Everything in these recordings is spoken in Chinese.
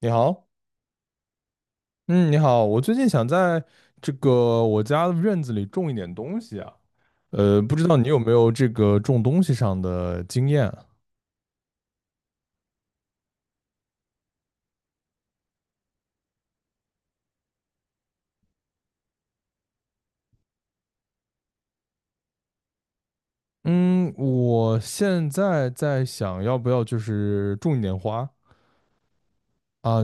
你好。嗯，你好，我最近想在这个我家的院子里种一点东西啊。不知道你有没有这个种东西上的经验啊？嗯，我现在在想要不要就是种一点花啊。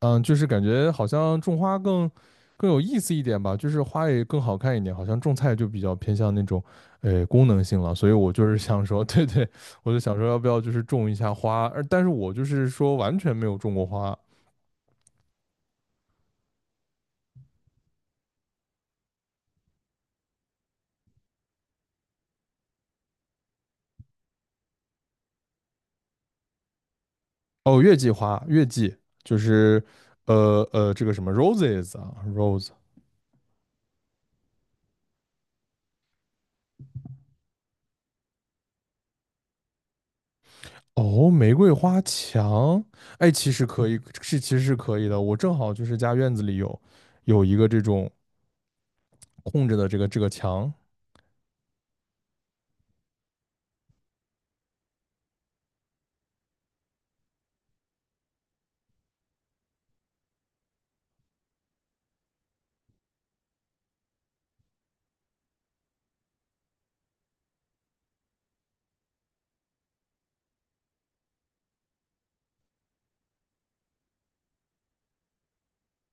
嗯，就是感觉好像种花更有意思一点吧，就是花也更好看一点。好像种菜就比较偏向那种功能性了，所以我就是想说，对对，我就想说要不要就是种一下花。但是我就是说完全没有种过花。哦，月季花，月季就是这个什么 roses 啊，rose。哦，玫瑰花墙。哎，其实可以，是其实是可以的。我正好就是家院子里有一个这种空着的这个墙。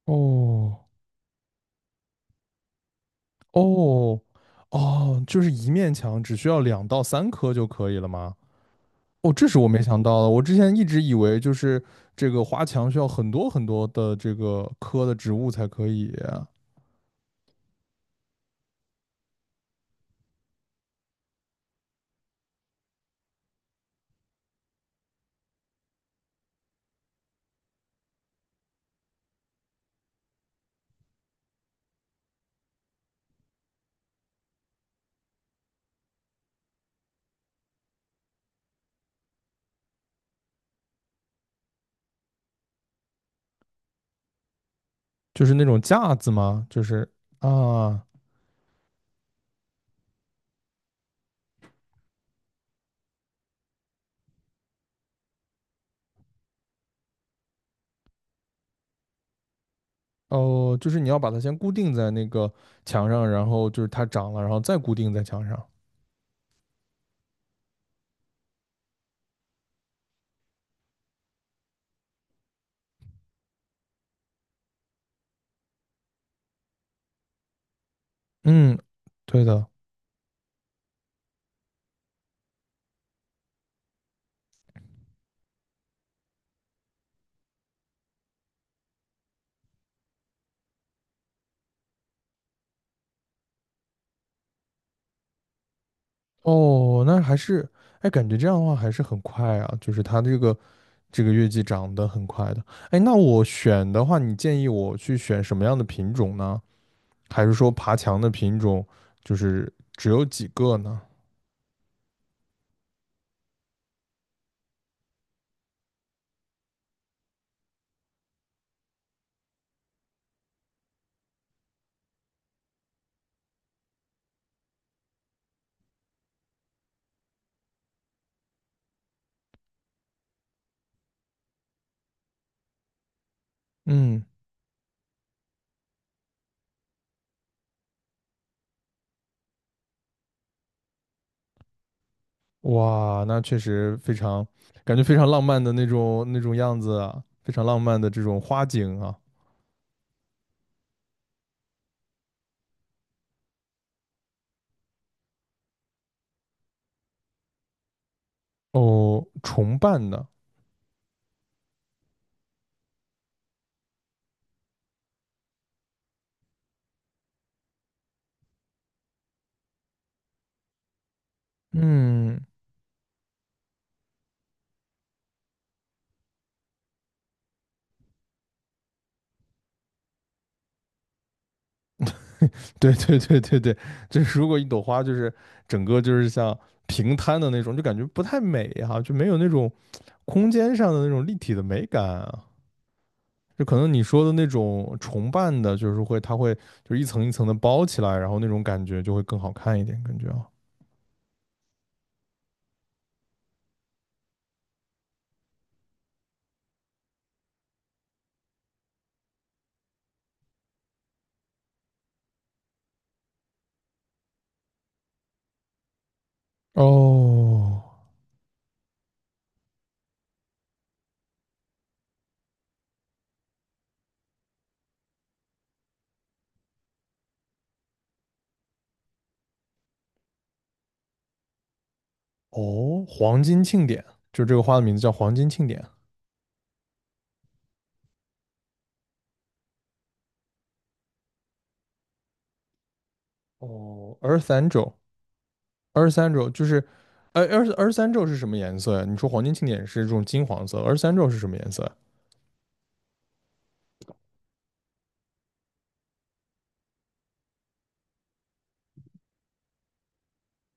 哦哦哦，就是一面墙只需要两到三棵就可以了吗？哦，这是我没想到的。我之前一直以为就是这个花墙需要很多很多的这个棵的植物才可以啊。就是那种架子吗？就是啊。哦，就是你要把它先固定在那个墙上，然后就是它长了，然后再固定在墙上。嗯，对的。哦，那还是，哎，感觉这样的话还是很快啊，就是它这个这个月季长得很快的。哎，那我选的话，你建议我去选什么样的品种呢？还是说爬墙的品种就是只有几个呢？嗯。哇，那确实非常，感觉非常浪漫的那种那种样子啊，非常浪漫的这种花景啊。哦，重瓣的。嗯，对对对对对，就是如果一朵花就是整个就是像平摊的那种，就感觉不太美哈、就没有那种空间上的那种立体的美感啊。就可能你说的那种重瓣的，就是会它会就是一层一层的包起来，然后那种感觉就会更好看一点，感觉啊。哦。哦，黄金庆典，就这个花的名字叫黄金庆典。哦，二十三周二十三周就是，二十三周是什么颜色呀？你说黄金庆典是这种金黄色，二十三周是什么颜色呀？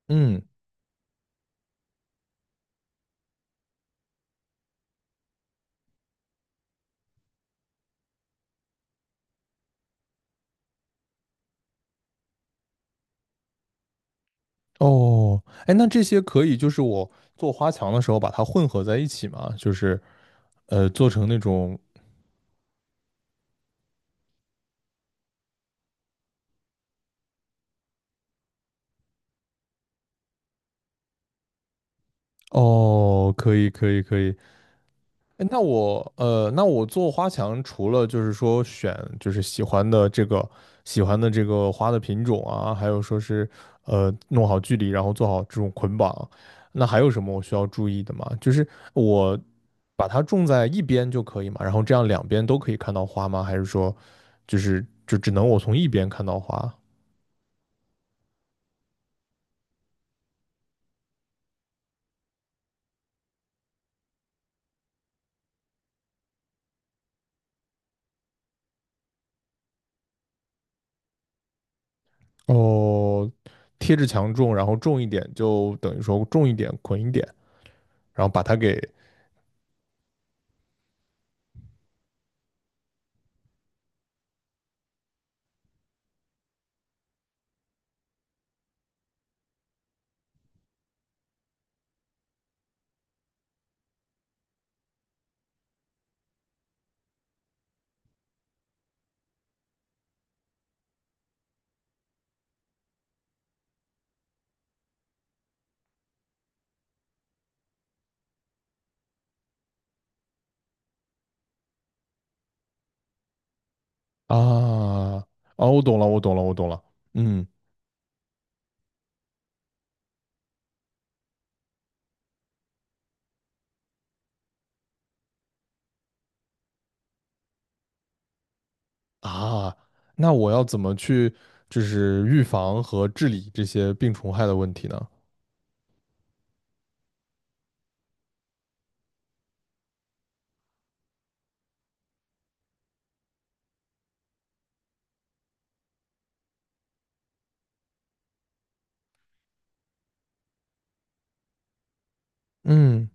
嗯。哦，哎，那这些可以就是我做花墙的时候把它混合在一起吗？就是做成那种。哦，可以，可以，可以。哎，那我做花墙，除了就是说选就是喜欢的这个花的品种啊，还有说是弄好距离，然后做好这种捆绑，那还有什么我需要注意的吗？就是我把它种在一边就可以嘛，然后这样两边都可以看到花吗？还是说就只能我从一边看到花？哦，贴着墙种，然后种一点就等于说种一点捆一点，然后把它给啊。啊，我懂了，我懂了，我懂了。嗯。啊，那我要怎么去就是预防和治理这些病虫害的问题呢？嗯。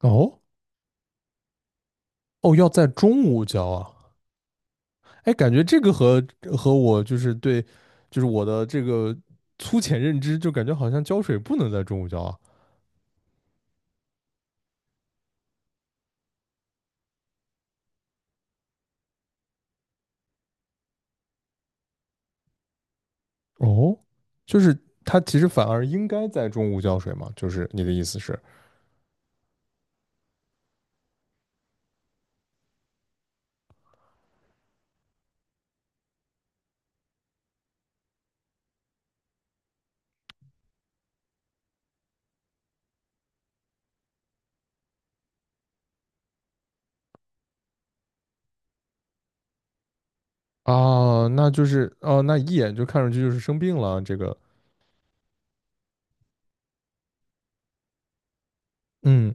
哦哦，要在中午浇啊。哎，感觉这个和我就是对，就是我的这个粗浅认知，就感觉好像浇水不能在中午浇啊。哦，就是它其实反而应该在中午浇水嘛，就是你的意思是啊，那就是哦，那一眼就看上去就是生病了这个。嗯。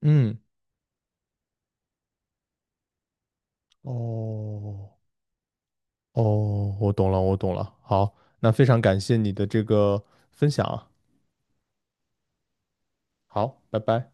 嗯，哦哦，我懂了，我懂了。好，那非常感谢你的这个分享啊。好，拜拜。